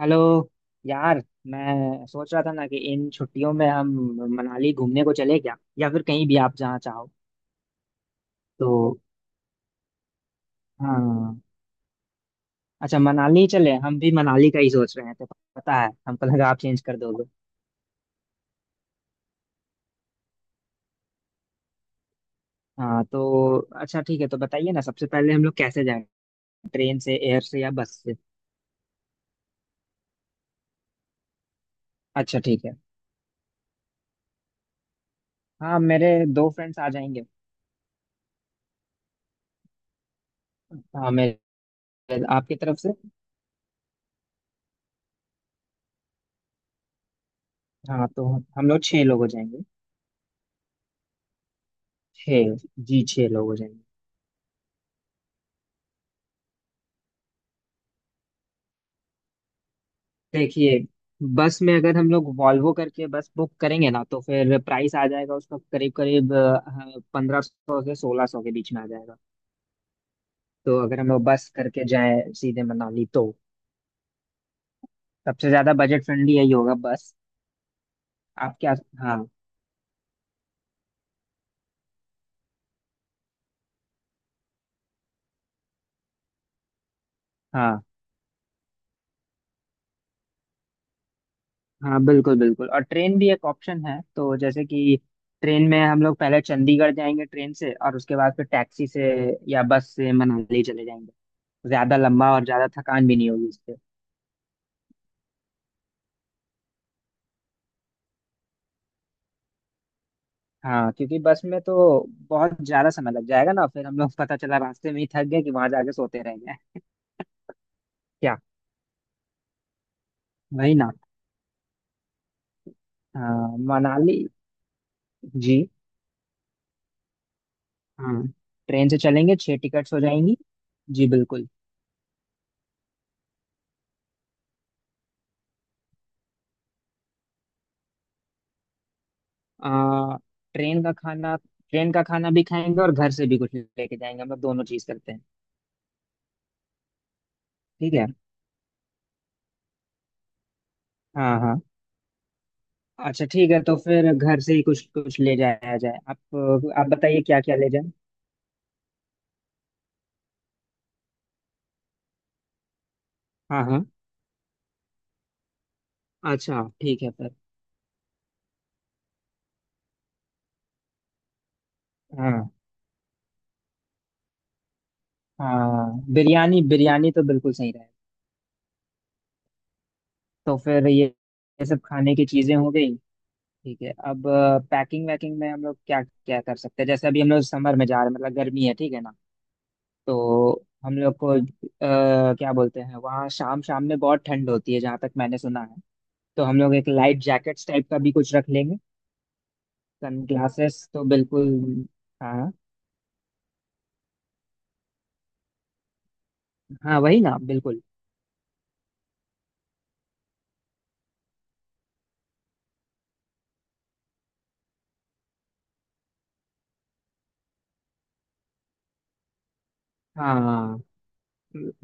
Hello. यार, मैं सोच रहा था ना कि इन छुट्टियों में हम मनाली घूमने को चले क्या, या फिर कहीं भी, आप जहाँ चाहो। तो हाँ, अच्छा मनाली चले। हम भी मनाली का ही सोच रहे हैं। तो पता है, हमको लगा आप चेंज कर दोगे। हाँ तो अच्छा ठीक है। तो बताइए ना, सबसे पहले हम लोग कैसे जाएं, ट्रेन से, एयर से या बस से। अच्छा ठीक है। हाँ मेरे दो फ्रेंड्स आ जाएंगे। हाँ, मेरे आपकी तरफ से। हाँ तो हम लोग छः लोग हो जाएंगे। छः। जी, छः लोग हो जाएंगे। देखिए, बस में अगर हम लोग वॉल्वो करके बस बुक करेंगे ना, तो फिर प्राइस आ जाएगा उसका करीब करीब 1500 से 1600 के बीच में आ जाएगा। तो अगर हम लोग बस करके जाए सीधे मनाली, तो सबसे ज्यादा बजट फ्रेंडली यही होगा, बस। आप क्या? हाँ हाँ। हाँ बिल्कुल बिल्कुल, और ट्रेन भी एक ऑप्शन है। तो जैसे कि ट्रेन में हम लोग पहले चंडीगढ़ जाएंगे ट्रेन से, और उसके बाद फिर टैक्सी से या बस से मनाली चले जाएंगे। ज्यादा लंबा और ज्यादा थकान भी नहीं होगी। हाँ क्योंकि बस में तो बहुत ज्यादा समय लग जाएगा ना, फिर हम लोग पता चला रास्ते में ही थक गए कि वहां जाके सोते रह गए। क्या? वही ना। हाँ मनाली। जी। हाँ ट्रेन से चलेंगे, छह टिकट्स हो जाएंगी। जी बिल्कुल। आ, ट्रेन का खाना, ट्रेन का खाना भी खाएंगे और घर से भी कुछ लेके जाएंगे, हम लोग दोनों चीज करते हैं। ठीक है। हाँ हाँ। अच्छा ठीक है, तो फिर घर से ही कुछ कुछ ले जाया जाए। आप बताइए क्या क्या ले जाए। हाँ हाँ। अच्छा ठीक है फिर। हाँ हाँ, बिरयानी, बिरयानी तो बिल्कुल सही रहे। तो फिर ये सब खाने की चीजें हो गई। ठीक है अब, पैकिंग वैकिंग में हम लोग क्या क्या कर सकते हैं। जैसे अभी हम लोग समर में जा रहे हैं, मतलब गर्मी है, ठीक है ना। तो हम लोग को क्या बोलते हैं, वहाँ शाम शाम में बहुत ठंड होती है जहाँ तक मैंने सुना है। तो हम लोग एक लाइट जैकेट्स टाइप का भी कुछ रख लेंगे, सन ग्लासेस तो बिल्कुल। हाँ हाँ वही ना बिल्कुल। हाँ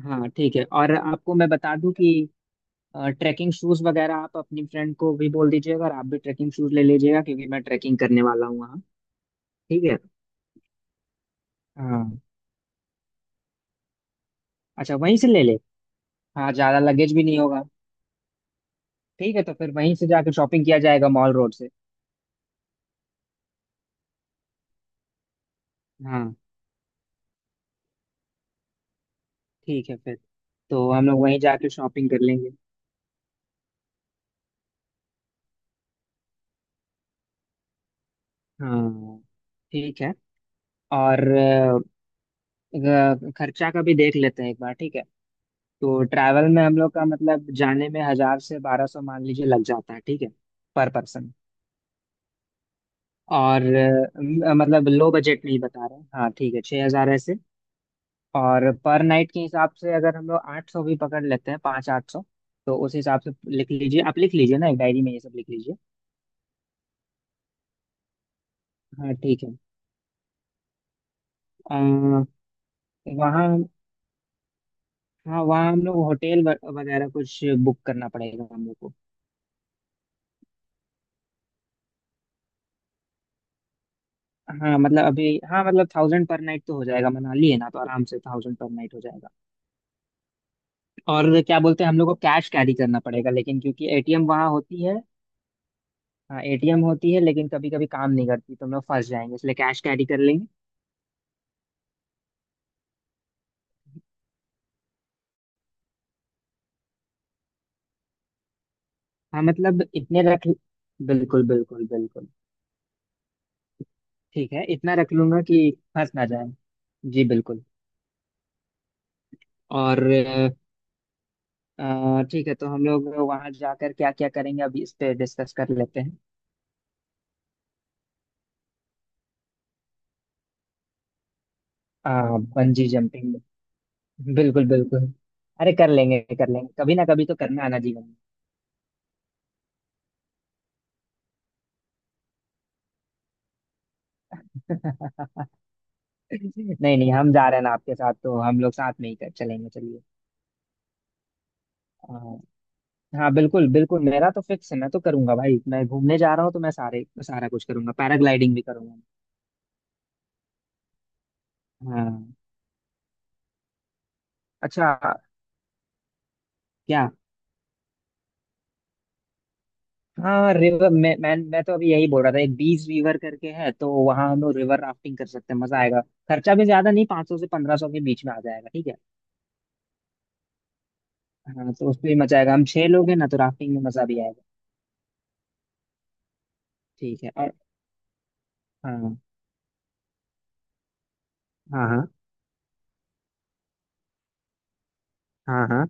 हाँ ठीक है, और आपको मैं बता दूं कि ट्रैकिंग शूज वगैरह आप अपनी फ्रेंड को भी बोल दीजिएगा, और आप भी ट्रैकिंग शूज ले लीजिएगा क्योंकि मैं ट्रैकिंग करने वाला हूँ वहाँ। ठीक है। हाँ अच्छा, वहीं से ले ले। हाँ ज्यादा लगेज भी नहीं होगा। ठीक है तो फिर वहीं से जाकर शॉपिंग किया जाएगा मॉल रोड से। हाँ ठीक है फिर। तो हम लोग वहीं जाकर शॉपिंग कर लेंगे। हाँ ठीक है। और खर्चा का भी देख लेते हैं एक बार, ठीक है। तो ट्रैवल में हम लोग का मतलब जाने में 1000 से 1200 मान लीजिए लग जाता है, ठीक है, पर पर्सन। और मतलब लो बजट नहीं बता रहे हैं। हाँ ठीक है, 6000 ऐसे। और पर नाइट के हिसाब से अगर हम लोग 800 भी पकड़ लेते हैं, पाँच 800, तो उस हिसाब से लिख लीजिए। आप लिख लीजिए ना, एक डायरी में ये सब लिख लीजिए। हाँ ठीक है। अ, वहाँ, हाँ वहाँ हम लोग होटल वगैरह कुछ बुक करना पड़ेगा हम लोग को। हाँ मतलब अभी, थाउजेंड पर नाइट तो हो जाएगा, मनाली है ना, तो आराम से थाउजेंड पर नाइट हो जाएगा। और क्या बोलते हैं, हम लोग को कैश कैरी करना पड़ेगा लेकिन, क्योंकि एटीएम वहाँ होती है। हाँ एटीएम होती है, लेकिन कभी कभी काम नहीं करती, तो हम लोग फंस जाएंगे, इसलिए कैश कैरी कर लेंगे। हाँ मतलब इतने रख, बिल्कुल बिल्कुल बिल्कुल। ठीक है, इतना रख लूंगा कि फंस ना जाए। जी बिल्कुल। और ठीक है, तो हम लोग वहां जाकर क्या क्या करेंगे अभी इस पे डिस्कस कर लेते हैं। बंजी जंपिंग, बिल्कुल बिल्कुल। अरे कर लेंगे कर लेंगे, कभी ना कभी तो करना आना जीवन में। नहीं नहीं, हम जा रहे हैं ना आपके साथ, तो हम लोग साथ में ही कर चलेंगे, चलिए। हाँ बिल्कुल बिल्कुल, मेरा तो फिक्स है, मैं तो करूंगा भाई। मैं घूमने जा रहा हूँ तो मैं सारे सारा कुछ करूंगा, पैराग्लाइडिंग भी करूंगा। हाँ अच्छा। क्या? हाँ रिवर, मैं तो अभी यही बोल रहा था, एक बीच रिवर करके है, तो वहाँ हम लोग रिवर राफ्टिंग कर सकते हैं, मजा आएगा। खर्चा भी ज्यादा नहीं, 500 से 1500 के बीच में आ जाएगा, ठीक है। हाँ, तो उसमें भी मजा आएगा, हम छह लोग हैं ना तो राफ्टिंग में मजा भी आएगा। ठीक है और। हाँ हाँ हाँ हाँ हाँ।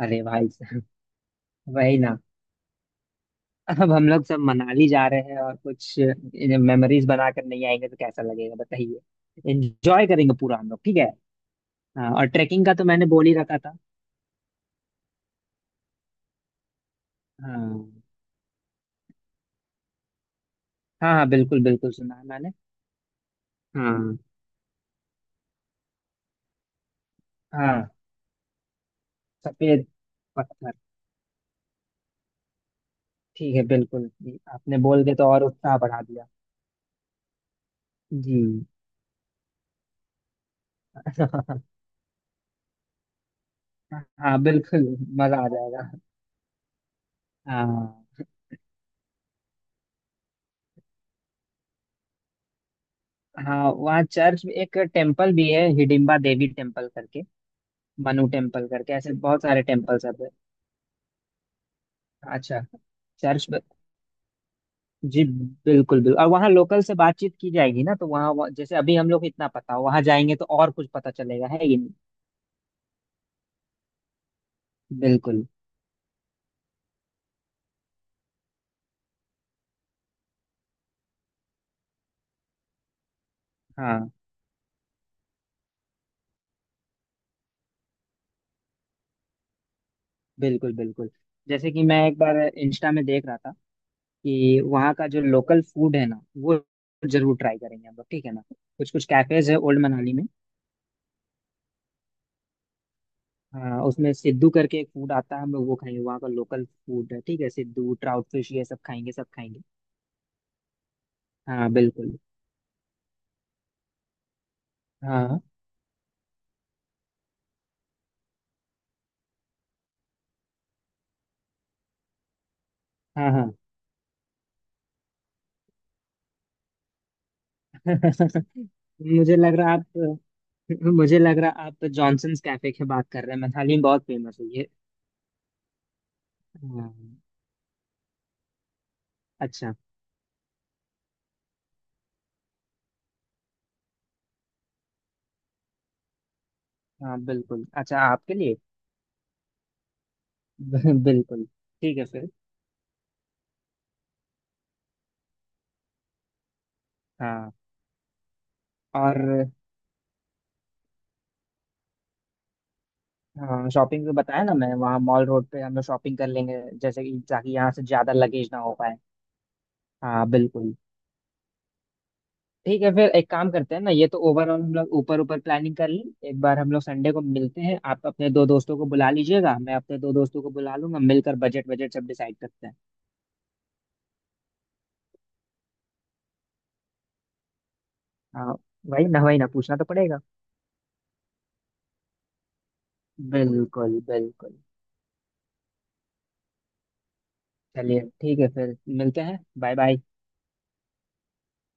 अरे भाई, साहब, वही ना। अब हम लोग सब मनाली जा रहे हैं और कुछ मेमोरीज बनाकर नहीं आएंगे तो कैसा लगेगा बताइए। एंजॉय करेंगे पूरा हम लोग, ठीक है। हाँ, और ट्रैकिंग का तो मैंने बोल ही रखा था। हाँ हाँ हाँ बिल्कुल बिल्कुल, सुना है मैंने। हाँ हाँ, सफेद पत्थर। ठीक है बिल्कुल, ये आपने बोल के तो और उत्साह बढ़ा दिया। जी। हाँ बिल्कुल, मजा आ जाएगा। हाँ। हाँ वहाँ चर्च में, एक टेम्पल भी है हिडिम्बा देवी टेम्पल करके, मनु टेम्पल करके, ऐसे बहुत सारे टेम्पल्स हैं। अच्छा। चर्च जी, बिल्कुल बिल्कुल, और वहाँ लोकल से बातचीत की जाएगी ना, तो वहाँ वहाँ- जैसे अभी हम लोग को इतना पता हो, वहाँ जाएंगे तो और कुछ पता चलेगा, है ये नहीं। बिल्कुल। हाँ बिल्कुल बिल्कुल। जैसे कि मैं एक बार इंस्टा में देख रहा था कि वहाँ का जो लोकल फूड है ना, वो जरूर ट्राई करेंगे हम लोग, ठीक है ना। कुछ कुछ कैफेज है ओल्ड मनाली में। हाँ उसमें सिद्धू करके एक फूड आता है, हम लोग वो खाएंगे, वहाँ का लोकल फूड है, ठीक है। सिद्धू, ट्राउट फिश, ये सब खाएंगे, सब खाएंगे। हाँ बिल्कुल। हाँ हाँ हाँ। मुझे लग रहा आप मुझे लग रहा आप जॉनसन्स कैफे की बात कर रहे हैं, मैथाली में बहुत फेमस है ये। हाँ। अच्छा। हाँ बिल्कुल, अच्छा आपके लिए। बिल्कुल। ठीक है फिर। हाँ। और हाँ, शॉपिंग तो बताया ना, मैं वहाँ मॉल रोड पे हम लोग शॉपिंग कर लेंगे, जैसे कि ताकि यहाँ से ज्यादा लगेज ना हो पाए। हाँ बिल्कुल। ठीक है फिर, एक काम करते हैं ना, ये तो ओवरऑल हम लोग ऊपर ऊपर प्लानिंग कर लें, एक बार हम लोग संडे को मिलते हैं। आप अपने दो दोस्तों को बुला लीजिएगा, मैं अपने दो दोस्तों को बुला लूंगा, मिलकर बजट, बजट सब डिसाइड करते हैं। हाँ वही ना वही ना, पूछना तो पड़ेगा। बिल्कुल बिल्कुल। चलिए ठीक है फिर मिलते हैं, बाय बाय।